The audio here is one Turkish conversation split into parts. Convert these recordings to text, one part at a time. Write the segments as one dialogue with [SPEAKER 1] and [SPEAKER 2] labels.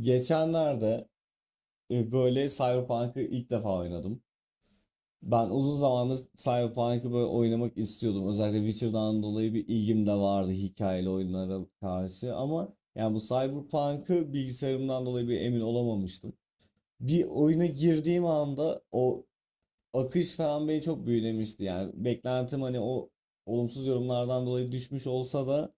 [SPEAKER 1] Geçenlerde böyle Cyberpunk'ı ilk defa oynadım. Ben uzun zamandır Cyberpunk'ı böyle oynamak istiyordum. Özellikle Witcher'dan dolayı bir ilgim de vardı hikayeli oyunlara karşı. Ama yani bu Cyberpunk'ı bilgisayarımdan dolayı bir emin olamamıştım. Bir oyuna girdiğim anda o akış falan beni çok büyülemişti. Yani beklentim hani o olumsuz yorumlardan dolayı düşmüş olsa da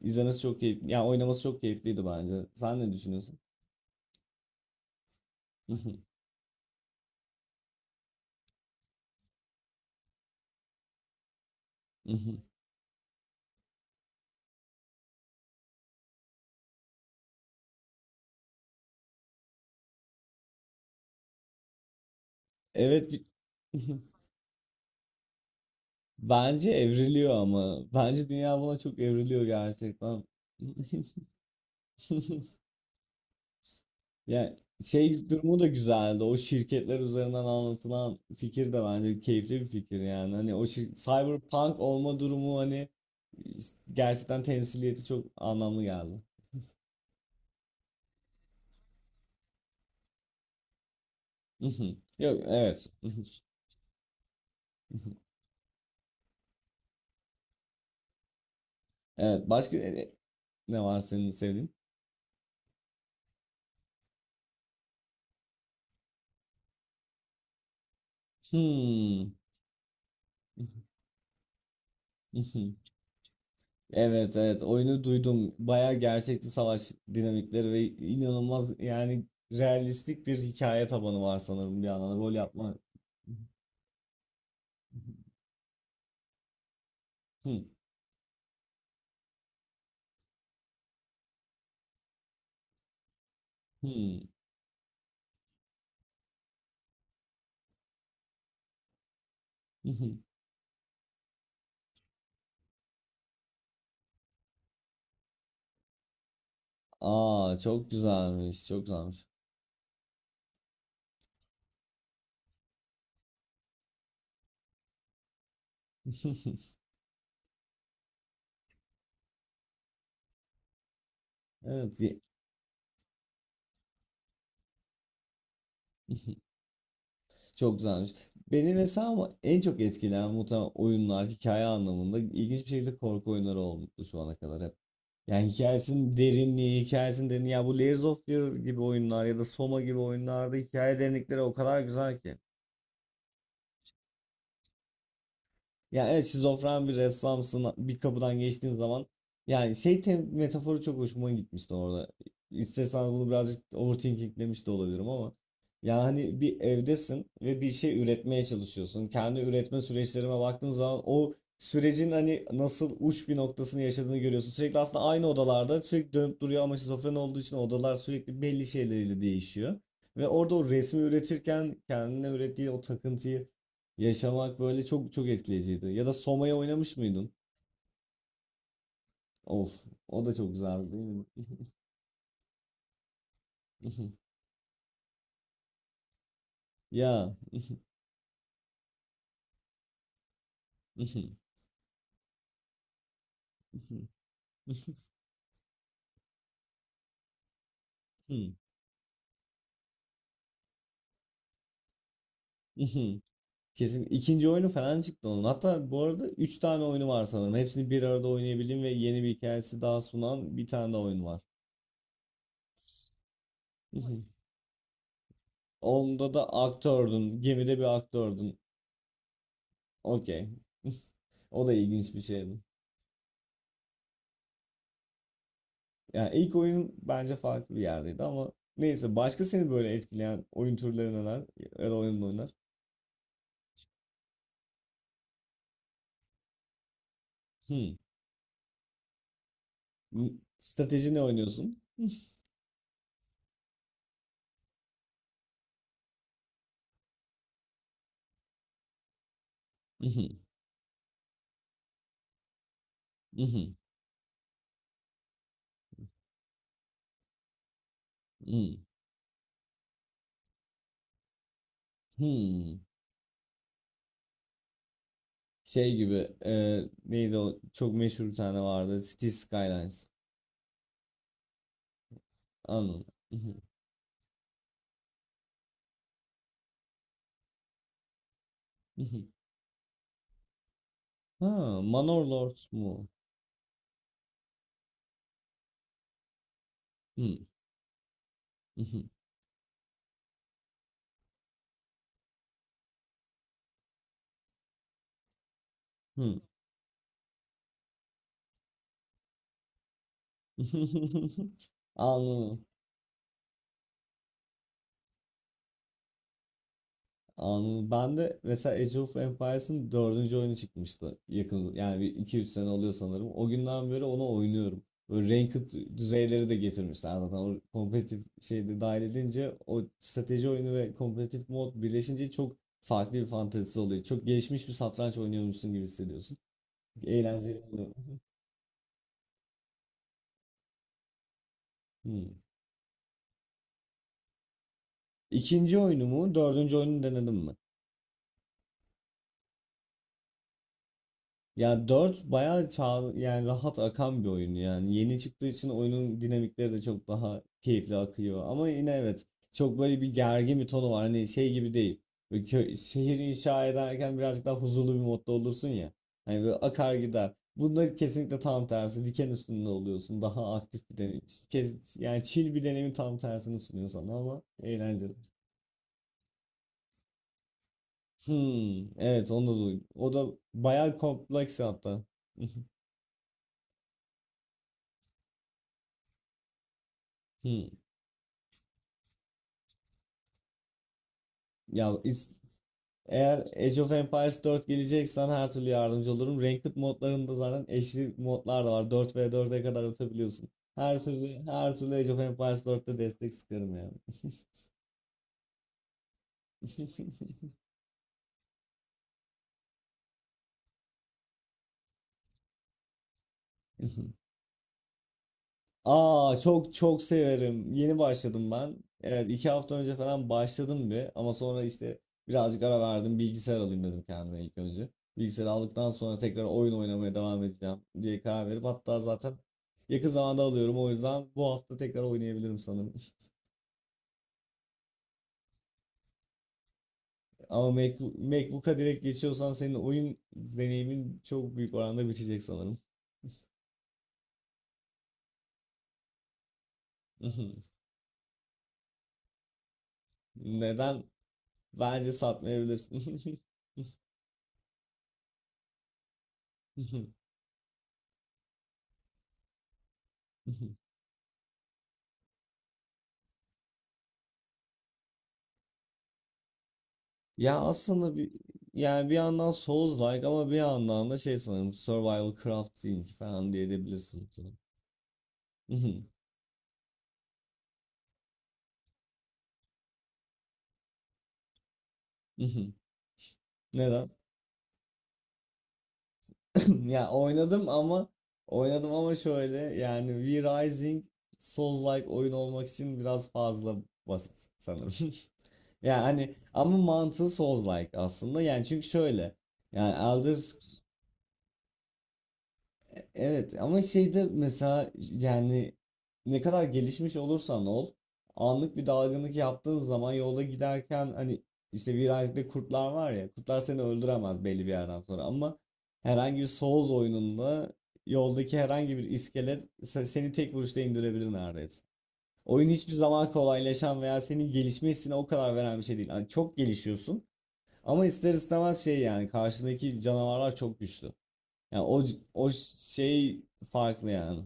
[SPEAKER 1] izlemesi çok keyifli. Yani oynaması çok keyifliydi bence. Sen ne düşünüyorsun? Evet. Bence evriliyor ama. Bence dünya buna çok evriliyor gerçekten. Yani şey durumu da güzeldi. O şirketler üzerinden anlatılan fikir de bence keyifli bir fikir yani. Hani o cyberpunk olma durumu hani gerçekten temsiliyeti çok anlamlı geldi. Yok evet. Evet başka ne var senin sevdiğin? Hmm. Evet evet oyunu duydum. Bayağı gerçekçi savaş dinamikleri ve inanılmaz yani realistik bir hikaye tabanı var sanırım bir yandan rol yapma. Hmm, hmm, Aa çok güzelmiş çok güzelmiş. Evet. Çok güzelmiş. Beni mesela ama en çok etkileyen muhtemelen oyunlar hikaye anlamında ilginç bir şekilde korku oyunları olmuştu şu ana kadar hep. Yani hikayesinin derinliği, hikayesinin derinliği. Ya bu Layers of Fear gibi oyunlar ya da Soma gibi oyunlarda hikaye derinlikleri o kadar güzel ki. Yani evet şizofren bir ressamsın bir kapıdan geçtiğin zaman yani şey metaforu çok hoşuma gitmişti orada. İstersen bunu birazcık overthinkinglemiş de olabilirim ama yani bir evdesin ve bir şey üretmeye çalışıyorsun. Kendi üretme süreçlerime baktığın zaman o sürecin hani nasıl uç bir noktasını yaşadığını görüyorsun. Sürekli aslında aynı odalarda sürekli dönüp duruyor ama şizofren olduğu için odalar sürekli belli şeyleriyle değişiyor. Ve orada o resmi üretirken kendine ürettiği o takıntıyı yaşamak böyle çok çok etkileyiciydi. Ya da Soma'ya oynamış mıydın? Of, o da çok güzeldi değil mi? Ya. Kesin ikinci oyunu falan çıktı onun. Hatta bu arada 3 tane oyunu var sanırım. Hepsini bir arada oynayabildiğim ve yeni bir hikayesi daha sunan bir tane daha oyun var. Onda da aktördün. Gemide bir aktördün. Okey. O da ilginç bir şeydi. Yani ilk oyun bence farklı bir yerdeydi ama neyse başka seni böyle etkileyen oyun türleri neler? Ya da oyun oynar. Hmm. M- Strateji ne oynuyorsun? Mhm, mhm, mhm, hmm. Şey gibi neydi o çok meşhur bir tane vardı City Skylines. Anladım. Mhm, mhm. Ha, Manor Lords mu? Hmm, mhm, hmm. Anladım. Anladım. Ben de mesela Age of Empires'ın dördüncü oyunu çıkmıştı. Yakın yani bir iki üç sene oluyor sanırım. O günden beri ona oynuyorum. Böyle ranked düzeyleri de getirmişler zaten. O kompetitif şeyi de dahil edince o strateji oyunu ve kompetitif mod birleşince çok farklı bir fantezisi oluyor. Çok gelişmiş bir satranç oynuyormuşsun gibi hissediyorsun. Eğlenceli oluyor. Hmm. İkinci oyunu mu, dördüncü oyunu denedin mi? Ya 4 bayağı çağ, yani rahat akan bir oyun yani. Yeni çıktığı için oyunun dinamikleri de çok daha keyifli akıyor. Ama yine evet çok böyle bir gergin bir tonu var. Hani şey gibi değil. Böyle şehir inşa ederken birazcık daha huzurlu bir modda olursun ya. Hani böyle akar gider. Bunda kesinlikle tam tersi. Diken üstünde oluyorsun. Daha aktif bir deneyim. Kes, yani chill bir deneyimin tam tersini sunuyor sana ama eğlenceli. Hmm, evet onu da duydum. O da bayağı kompleks hatta. Hmm. Ya is- Eğer Age of Empires 4 geleceksen her türlü yardımcı olurum. Ranked modlarında zaten eşli modlar da var. 4v4'e kadar atabiliyorsun. Her türlü Age of Empires 4'te destek sıkarım yani. Aa çok çok severim. Yeni başladım ben. Evet 2 hafta önce falan başladım bir ama sonra işte birazcık ara verdim. Bilgisayar alayım dedim kendime ilk önce. Bilgisayar aldıktan sonra tekrar oyun oynamaya devam edeceğim diye karar verip hatta zaten yakın zamanda alıyorum o yüzden bu hafta tekrar oynayabilirim sanırım. Ama MacBook'a direkt geçiyorsan senin oyun deneyimin çok büyük oranda bitecek sanırım. Neden? Bence satmayabilirsin. Ya aslında bir yani bir yandan Souls-like ama bir yandan da şey sanırım Survival Crafting falan diyebilirsin sanırım. Neden? Ya oynadım ama şöyle yani V Rising Souls-like oyun olmak için biraz fazla basit sanırım. Yani hani ama mantığı Souls-like aslında. Yani çünkü şöyle yani Elder Evet ama şeyde mesela yani ne kadar gelişmiş olursan ol anlık bir dalgınlık yaptığın zaman yolda giderken hani işte virajda kurtlar var ya kurtlar seni öldüremez belli bir yerden sonra ama herhangi bir Souls oyununda yoldaki herhangi bir iskelet seni tek vuruşta indirebilir neredeyse. Oyun hiçbir zaman kolaylaşan veya senin gelişme hissine o kadar veren bir şey değil. Hani çok gelişiyorsun ama ister istemez şey yani karşındaki canavarlar çok güçlü. Yani o şey farklı yani.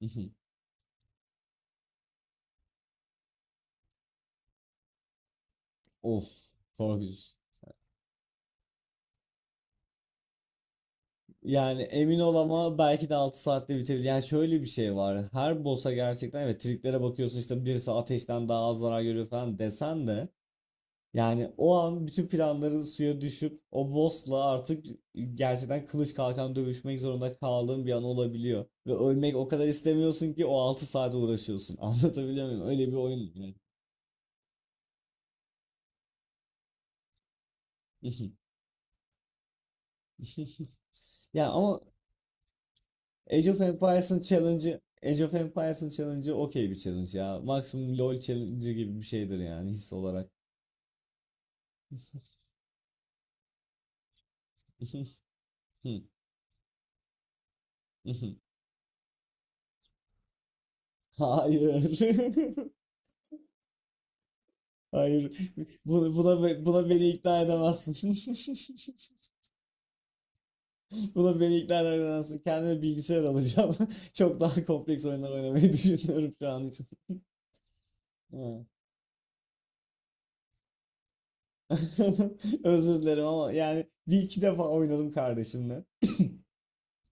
[SPEAKER 1] Of, korkunç. Yani emin ol ama belki de 6 saatte bitebilir. Yani şöyle bir şey var. Her boss'a gerçekten evet triklere bakıyorsun işte birisi ateşten daha az zarar görüyor falan desen de yani o an bütün planların suya düşüp o boss'la artık gerçekten kılıç kalkan dövüşmek zorunda kaldığın bir an olabiliyor. Ve ölmek o kadar istemiyorsun ki o 6 saate uğraşıyorsun. Anlatabiliyor muyum? Öyle bir oyun yani. Ya ama Age of Empires'ın challenge'ı Age of Empires'ın challenge'ı okey bir challenge ya. Maksimum LoL challenge'ı gibi bir şeydir yani his olarak. Hayır. Hayır. Buna beni ikna edemezsin. Buna beni ikna edemezsin. Kendime bilgisayar alacağım. Çok daha kompleks oyunlar oynamayı düşünüyorum şu an için. Özür dilerim ama yani bir iki defa oynadım kardeşimle.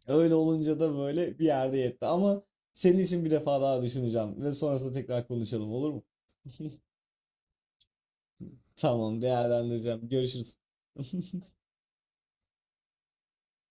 [SPEAKER 1] Öyle olunca da böyle bir yerde yetti ama senin için bir defa daha düşüneceğim ve sonrasında tekrar konuşalım olur mu? Tamam değerlendireceğim. Görüşürüz.